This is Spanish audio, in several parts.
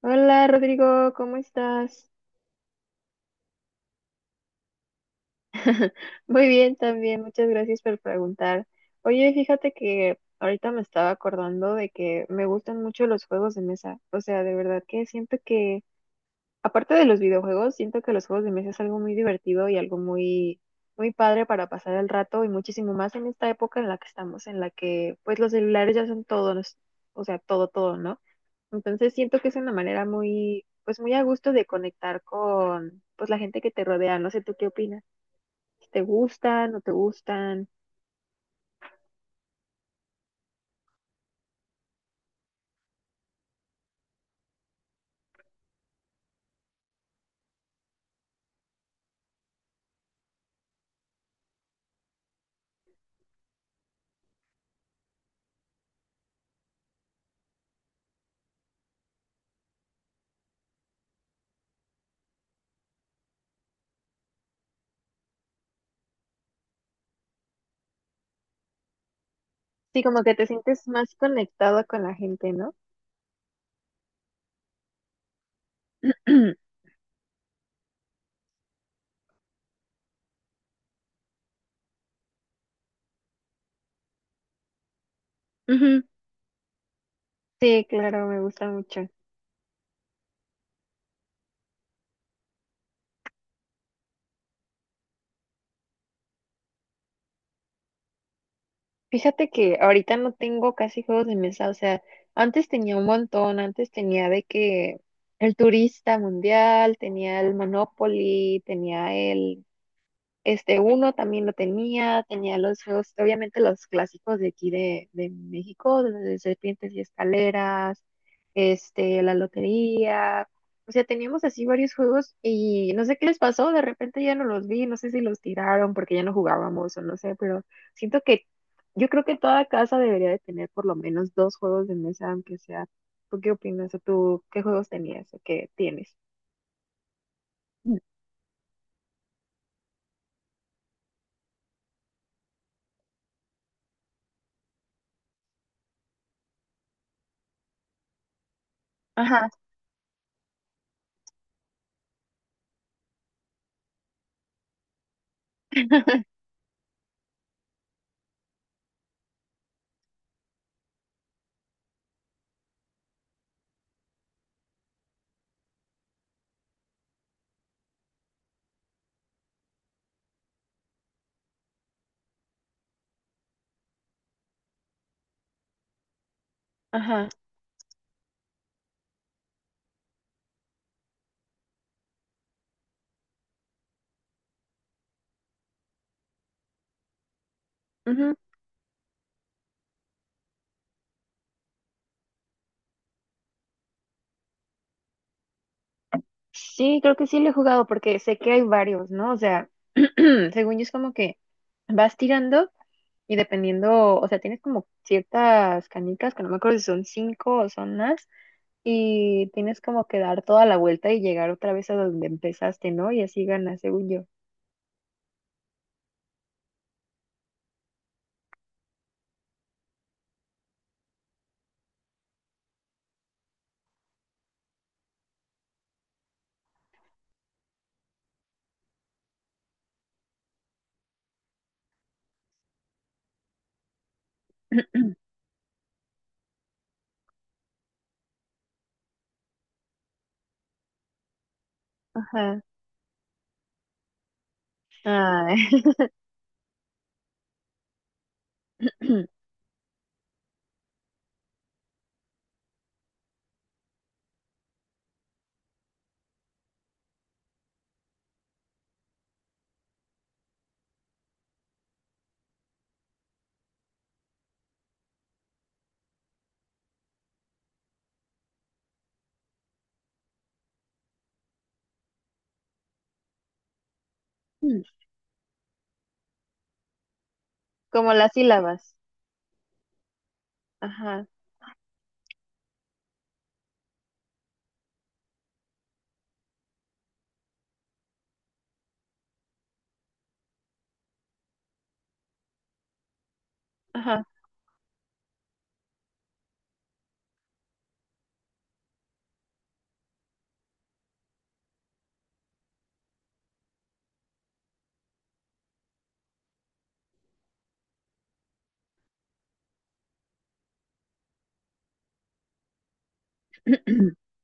Hola Rodrigo, ¿cómo estás? Muy bien también, muchas gracias por preguntar. Oye, fíjate que ahorita me estaba acordando de que me gustan mucho los juegos de mesa. O sea, de verdad que siento que, aparte de los videojuegos, siento que los juegos de mesa es algo muy divertido y algo muy, muy padre para pasar el rato y muchísimo más en esta época en la que estamos, en la que pues los celulares ya son todo, nos- o sea, todo, todo, ¿no? Entonces siento que es una manera muy, pues muy a gusto de conectar con, pues la gente que te rodea. No sé, ¿tú qué opinas? Si ¿te gustan, no te gustan? Sí, como que te sientes más conectado con la gente, ¿no? Ujú. Sí, claro, me gusta mucho. Fíjate que ahorita no tengo casi juegos de mesa, o sea, antes tenía un montón, antes tenía de que el turista mundial, tenía el Monopoly, tenía el este uno también lo tenía, tenía los juegos, obviamente los clásicos de aquí de México, de Serpientes y Escaleras, este, la lotería. O sea, teníamos así varios juegos y no sé qué les pasó, de repente ya no los vi, no sé si los tiraron porque ya no jugábamos o no sé, pero siento que yo creo que toda casa debería de tener por lo menos dos juegos de mesa, aunque sea. ¿Tú qué opinas? ¿O tú qué juegos tenías o qué tienes? Ajá, ajá. Ujú. Sí, creo que sí lo he jugado porque sé que hay varios, ¿no? O sea, según yo es como que vas tirando y dependiendo, o sea, tienes como ciertas canicas, que no me acuerdo si son cinco o son más, y tienes como que dar toda la vuelta y llegar otra vez a donde empezaste, ¿no? Y así ganas, según yo. Ajá. Ay. Como las sílabas. Ajá, ajá.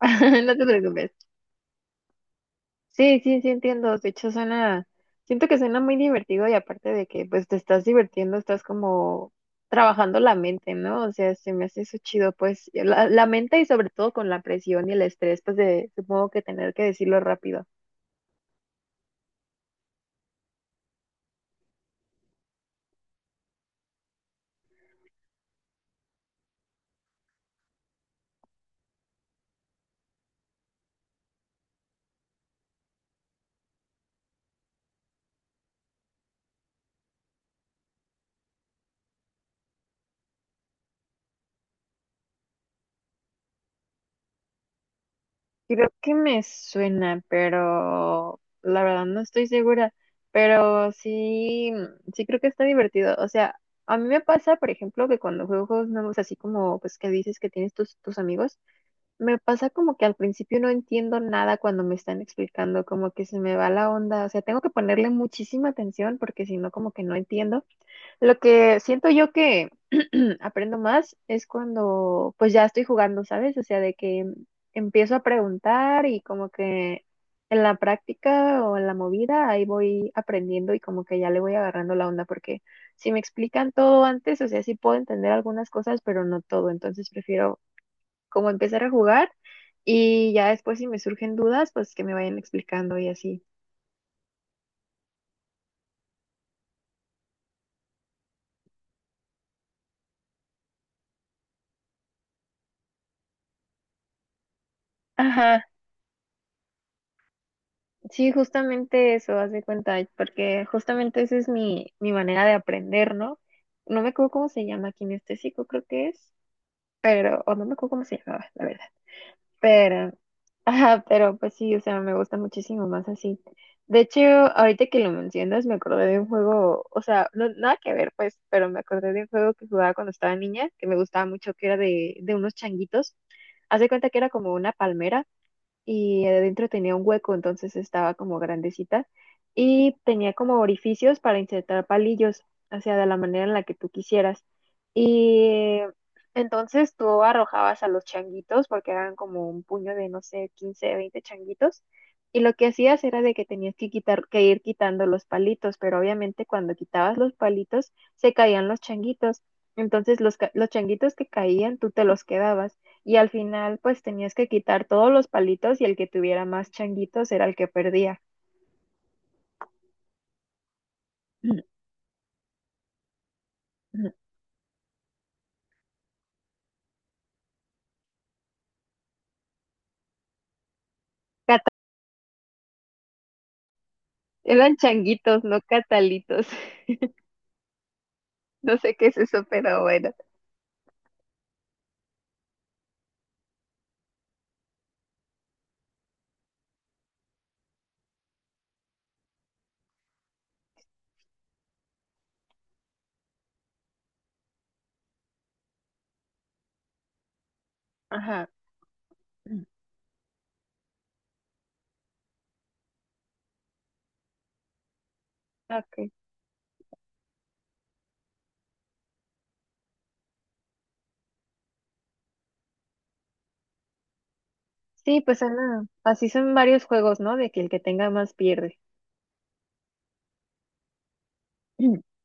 No te preocupes. Sí, sí, sí entiendo. De hecho, suena, siento que suena muy divertido y aparte de que pues te estás divirtiendo, estás como trabajando la mente, ¿no? O sea, se me hace eso chido, pues, y la mente y sobre todo con la presión y el estrés, pues de supongo que tener que decirlo rápido. Creo que me suena, pero la verdad no estoy segura. Pero sí, sí creo que está divertido. O sea, a mí me pasa, por ejemplo, que cuando juego juegos nuevos, así como pues que dices que tienes tus, tus amigos. Me pasa como que al principio no entiendo nada cuando me están explicando, como que se me va la onda, o sea, tengo que ponerle muchísima atención porque si no, como que no entiendo. Lo que siento yo que aprendo más es cuando pues ya estoy jugando, ¿sabes? O sea, de que empiezo a preguntar y como que en la práctica o en la movida ahí voy aprendiendo y como que ya le voy agarrando la onda porque si me explican todo antes, o sea, sí puedo entender algunas cosas, pero no todo, entonces prefiero como empezar a jugar y ya después si me surgen dudas, pues que me vayan explicando y así. Ajá, sí, justamente eso, haz de cuenta, porque justamente esa es mi, mi manera de aprender, ¿no? No me acuerdo cómo se llama, kinestésico, creo que es, pero, o no me acuerdo cómo se llamaba, la verdad. Pero, ajá, pero pues sí, o sea, me gusta muchísimo más así. De hecho, ahorita que lo mencionas, me acordé de un juego, o sea, no, nada que ver, pues, pero me acordé de un juego que jugaba cuando estaba niña, que me gustaba mucho, que era de unos changuitos. Haz de cuenta que era como una palmera y adentro tenía un hueco, entonces estaba como grandecita y tenía como orificios para insertar palillos, o sea, de la manera en la que tú quisieras. Y entonces tú arrojabas a los changuitos, porque eran como un puño de, no sé, 15 20 changuitos. Y lo que hacías era de que tenías que quitar, que ir quitando los palitos, pero obviamente cuando quitabas los palitos se caían los changuitos. Entonces los, ca- los changuitos que caían tú te los quedabas y al final pues tenías que quitar todos los palitos y el que tuviera más changuitos era el que perdía. Cata- eran changuitos, no catalitos. No sé qué es eso, pero bueno. Ajá. Okay. Sí, pues Ana, así son varios juegos, ¿no? De que el que tenga más pierde.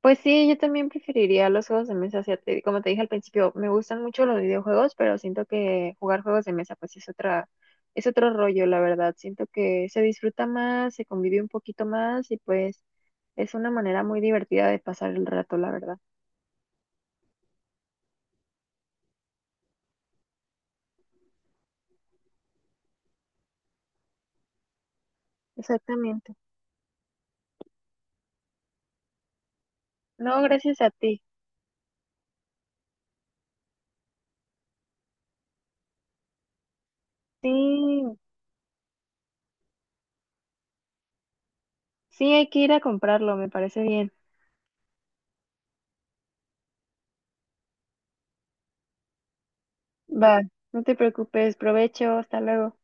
Pues sí, yo también preferiría los juegos de mesa. O sea, te- como te dije al principio, me gustan mucho los videojuegos, pero siento que jugar juegos de mesa pues es otra, es otro rollo, la verdad. Siento que se disfruta más, se convive un poquito más y pues es una manera muy divertida de pasar el rato, la verdad. Exactamente. No, gracias a ti. Sí, sí hay que ir a comprarlo, me parece bien. Va, no te preocupes, provecho, hasta luego.